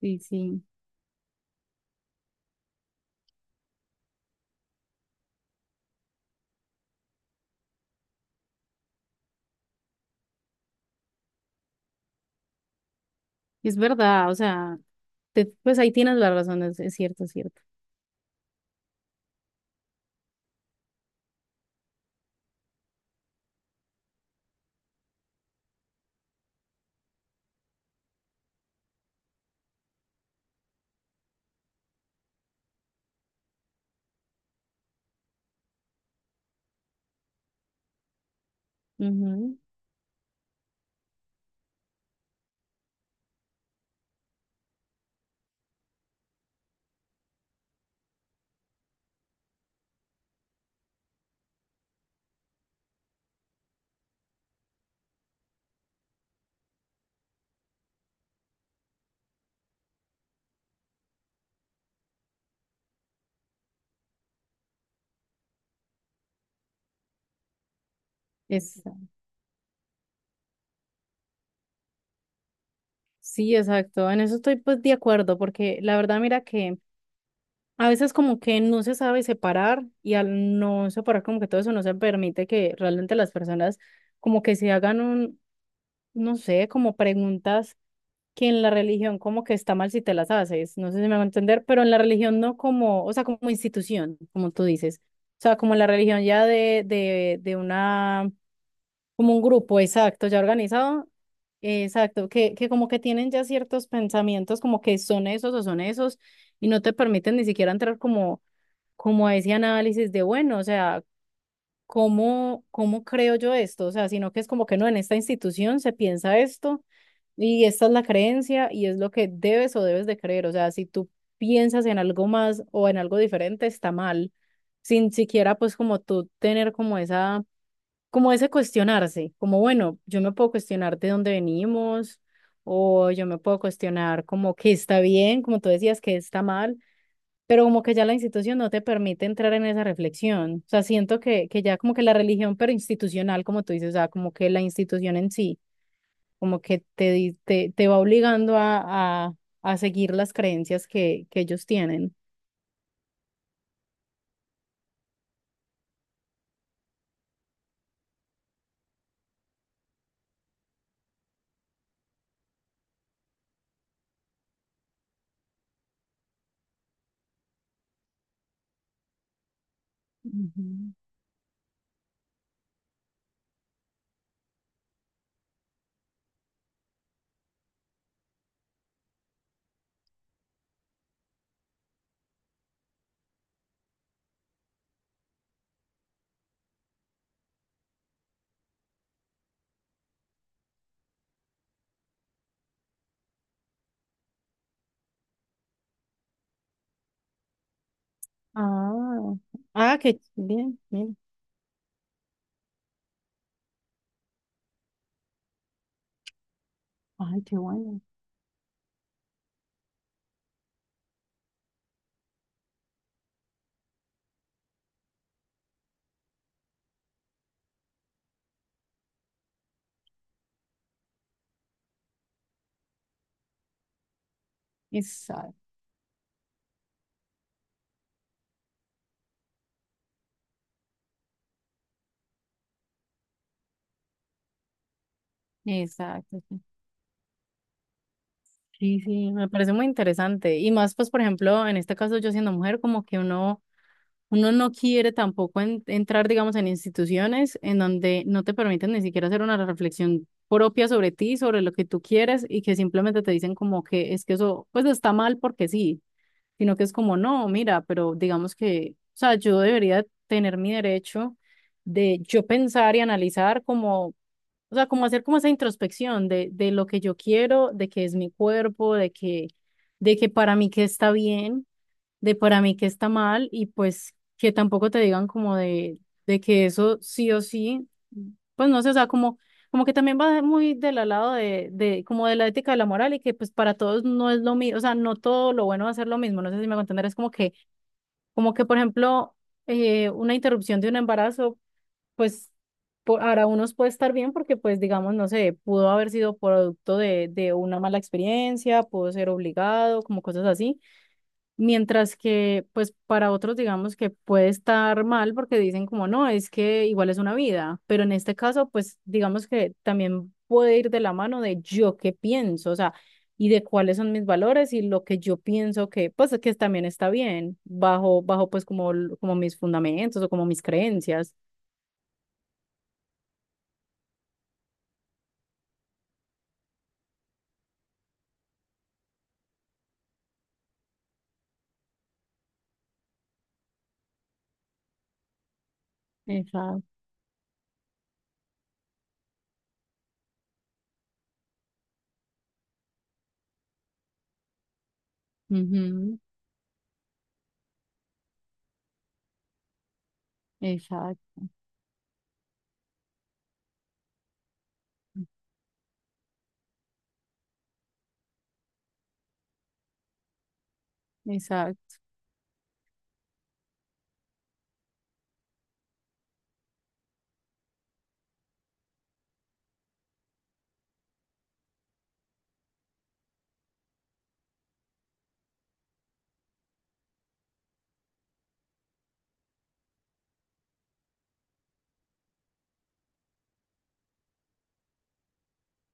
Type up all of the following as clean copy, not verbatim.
Sí, sí. Es verdad. O sea, pues ahí tienes la razón, es cierto, es cierto. Ujú. Es, sí, exacto. En eso estoy pues de acuerdo, porque la verdad, mira que a veces como que no se sabe separar y al no separar como que todo eso no se permite que realmente las personas como que se hagan un, no sé, como preguntas que en la religión como que está mal si te las haces. No sé si me va a entender, pero en la religión no, como, o sea, como institución, como tú dices. O sea, como la religión ya de una. Como un grupo, exacto, ya organizado, exacto, que como que tienen ya ciertos pensamientos, como que son esos o son esos, y no te permiten ni siquiera entrar como, como a ese análisis de, bueno, o sea, ¿cómo, cómo creo yo esto? O sea, sino que es como que no, en esta institución se piensa esto, y esta es la creencia, y es lo que debes o debes de creer. O sea, si tú piensas en algo más o en algo diferente, está mal, sin siquiera pues como tú tener como esa, como ese cuestionarse, como bueno, yo me puedo cuestionar de dónde venimos o yo me puedo cuestionar como qué está bien, como tú decías, qué está mal, pero como que ya la institución no te permite entrar en esa reflexión. O sea, siento que ya como que la religión, pero institucional, como tú dices, o sea, como que la institución en sí, como que te, te, te va obligando a seguir las creencias que ellos tienen. Ujú. Ah, ah, qué bien, mira. Ay, qué bueno. Exacto. Sí, sí, sí, me parece muy interesante. Y más, pues, por ejemplo, en este caso yo siendo mujer, como que uno, uno no quiere tampoco entrar, digamos, en instituciones en donde no te permiten ni siquiera hacer una reflexión propia sobre ti, sobre lo que tú quieres y que simplemente te dicen como que es que eso, pues, está mal porque sí, sino que es como, no, mira, pero digamos que, o sea, yo debería tener mi derecho de yo pensar y analizar como. O sea, como hacer como esa introspección de lo que yo quiero, de que es mi cuerpo, de que para mí qué está bien, de para mí qué está mal, y pues que tampoco te digan como de que eso sí o sí, pues no sé, o sea, como, como que también va muy del lado como de la ética de la moral, y que pues para todos no es lo mismo, o sea, no todo lo bueno va a ser lo mismo, no sé si me voy a entender, es como que por ejemplo, una interrupción de un embarazo pues por, ahora unos puede estar bien porque pues digamos, no sé, pudo haber sido producto de una mala experiencia, pudo ser obligado, como cosas así, mientras que pues para otros digamos que puede estar mal porque dicen como no, es que igual es una vida, pero en este caso pues digamos que también puede ir de la mano de yo qué pienso, o sea, y de cuáles son mis valores y lo que yo pienso que pues que también está bien, bajo pues como, como mis fundamentos o como mis creencias. Exacto. Ujú. Exacto, exacto,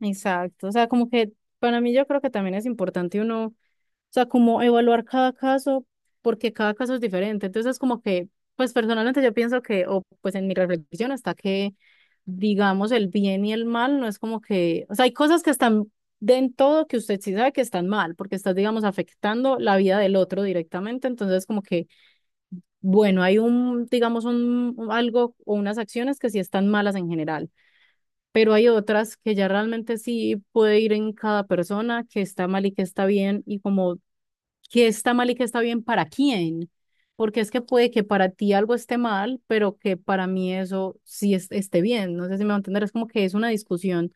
exacto. O sea, como que para mí yo creo que también es importante uno, o sea, como evaluar cada caso, porque cada caso es diferente. Entonces, como que, pues personalmente yo pienso que, o pues en mi reflexión está que, digamos, el bien y el mal no es como que, o sea, hay cosas que están de en todo que usted sí sabe que están mal, porque estás, digamos, afectando la vida del otro directamente. Entonces, como que, bueno, hay un, digamos, algo o unas acciones que sí están malas en general. Pero hay otras que ya realmente sí puede ir en cada persona, que está mal y que está bien, y como que está mal y que está bien para quién, porque es que puede que para ti algo esté mal, pero que para mí eso sí esté bien, no sé si me va a entender, es como que es una discusión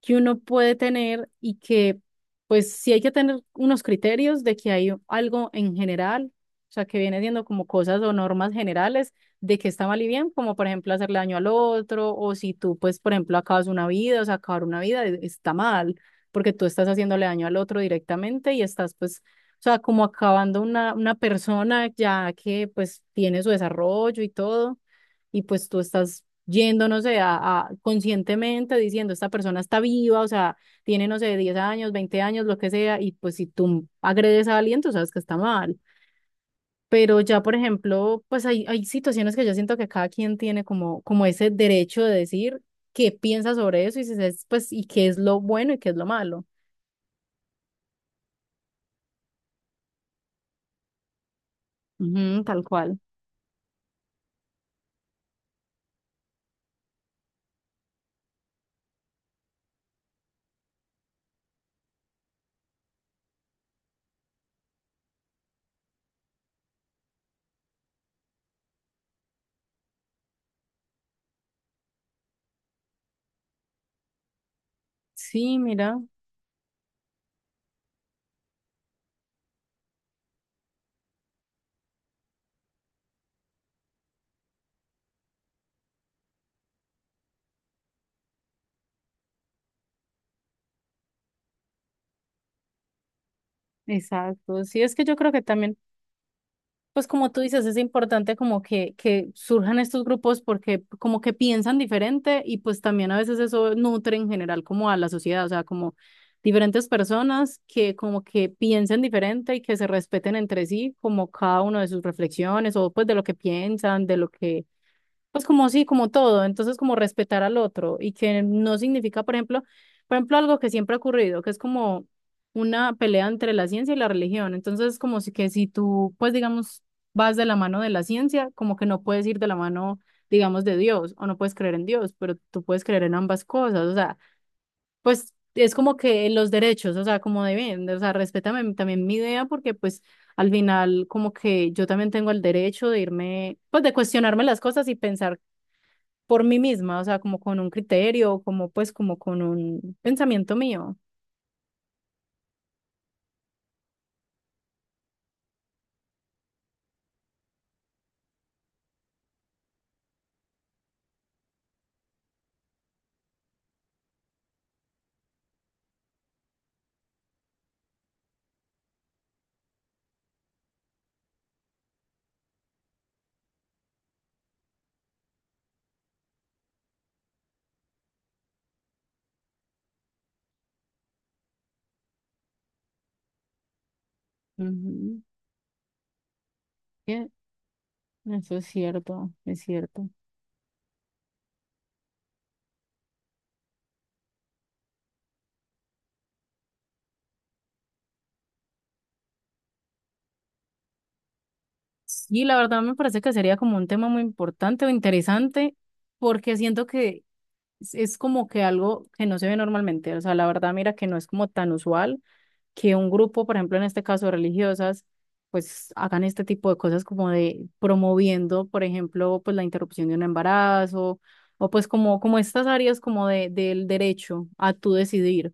que uno puede tener y que pues sí hay que tener unos criterios de que hay algo en general, o sea, que viene siendo como cosas o normas generales de que está mal y bien, como por ejemplo hacerle daño al otro o si tú pues por ejemplo acabas una vida, o sea, acabar una vida está mal porque tú estás haciéndole daño al otro directamente y estás pues... O sea, como acabando una persona ya que pues tiene su desarrollo y todo, y pues tú estás yendo, no sé, conscientemente diciendo, esta persona está viva, o sea, tiene, no sé, 10 años, 20 años, lo que sea, y pues si tú agredes a alguien, tú sabes que está mal. Pero ya, por ejemplo, pues hay situaciones que yo siento que cada quien tiene como, como ese derecho de decir qué piensa sobre eso y, si es, pues, y qué es lo bueno y qué es lo malo. Ujú, tal cual. Sí, mira, exacto. Sí, es que yo creo que también, pues como tú dices, es importante como que surjan estos grupos porque como que piensan diferente y pues también a veces eso nutre en general como a la sociedad, o sea, como diferentes personas que como que piensen diferente y que se respeten entre sí, como cada uno de sus reflexiones o pues de lo que piensan, de lo que pues como sí, como todo, entonces como respetar al otro y que no significa, por ejemplo, algo que siempre ha ocurrido, que es como una pelea entre la ciencia y la religión. Entonces, como si que si tú, pues digamos, vas de la mano de la ciencia, como que no puedes ir de la mano, digamos, de Dios o no puedes creer en Dios, pero tú puedes creer en ambas cosas, o sea, pues es como que los derechos, o sea, como deben, o sea, respétame también mi idea porque pues al final como que yo también tengo el derecho de irme, pues de cuestionarme las cosas y pensar por mí misma, o sea, como con un criterio, como pues como con un pensamiento mío. Ujú. Bien, eso es cierto, es cierto. Y la verdad me parece que sería como un tema muy importante o interesante, porque siento que es como que algo que no se ve normalmente, o sea, la verdad mira que no es como tan usual. Que un grupo, por ejemplo, en este caso religiosas, pues hagan este tipo de cosas como de promoviendo, por ejemplo, pues la interrupción de un embarazo o pues como, como estas áreas como de, del derecho a tú decidir.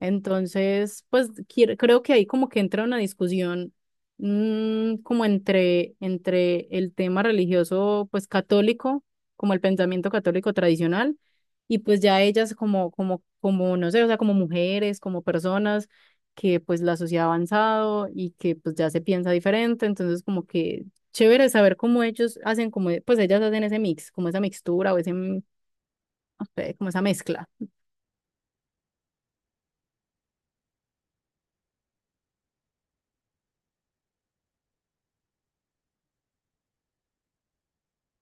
Entonces, pues creo que ahí como que entra una discusión, como entre el tema religioso, pues católico, como el pensamiento católico tradicional, y pues ya ellas como, como, como, no sé, o sea, como mujeres, como personas que pues la sociedad ha avanzado y que pues ya se piensa diferente, entonces como que chévere saber cómo ellos hacen, como, pues ellas hacen ese mix, como esa mixtura o ese, no sé, como esa mezcla.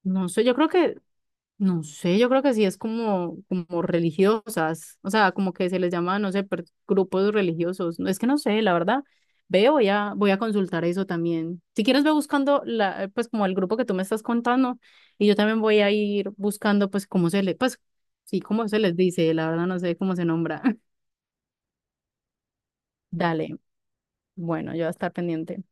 No sé, yo creo que. No sé, yo creo que sí es como, como religiosas, o sea, como que se les llama, no sé, grupos religiosos. No, es que no sé, la verdad. Ve, voy a consultar eso también. Si quieres, ve buscando la, pues como el grupo que tú me estás contando y yo también voy a ir buscando, pues cómo se le, pues sí, cómo se les dice, la verdad no sé cómo se nombra. Dale, bueno, yo voy a estar pendiente.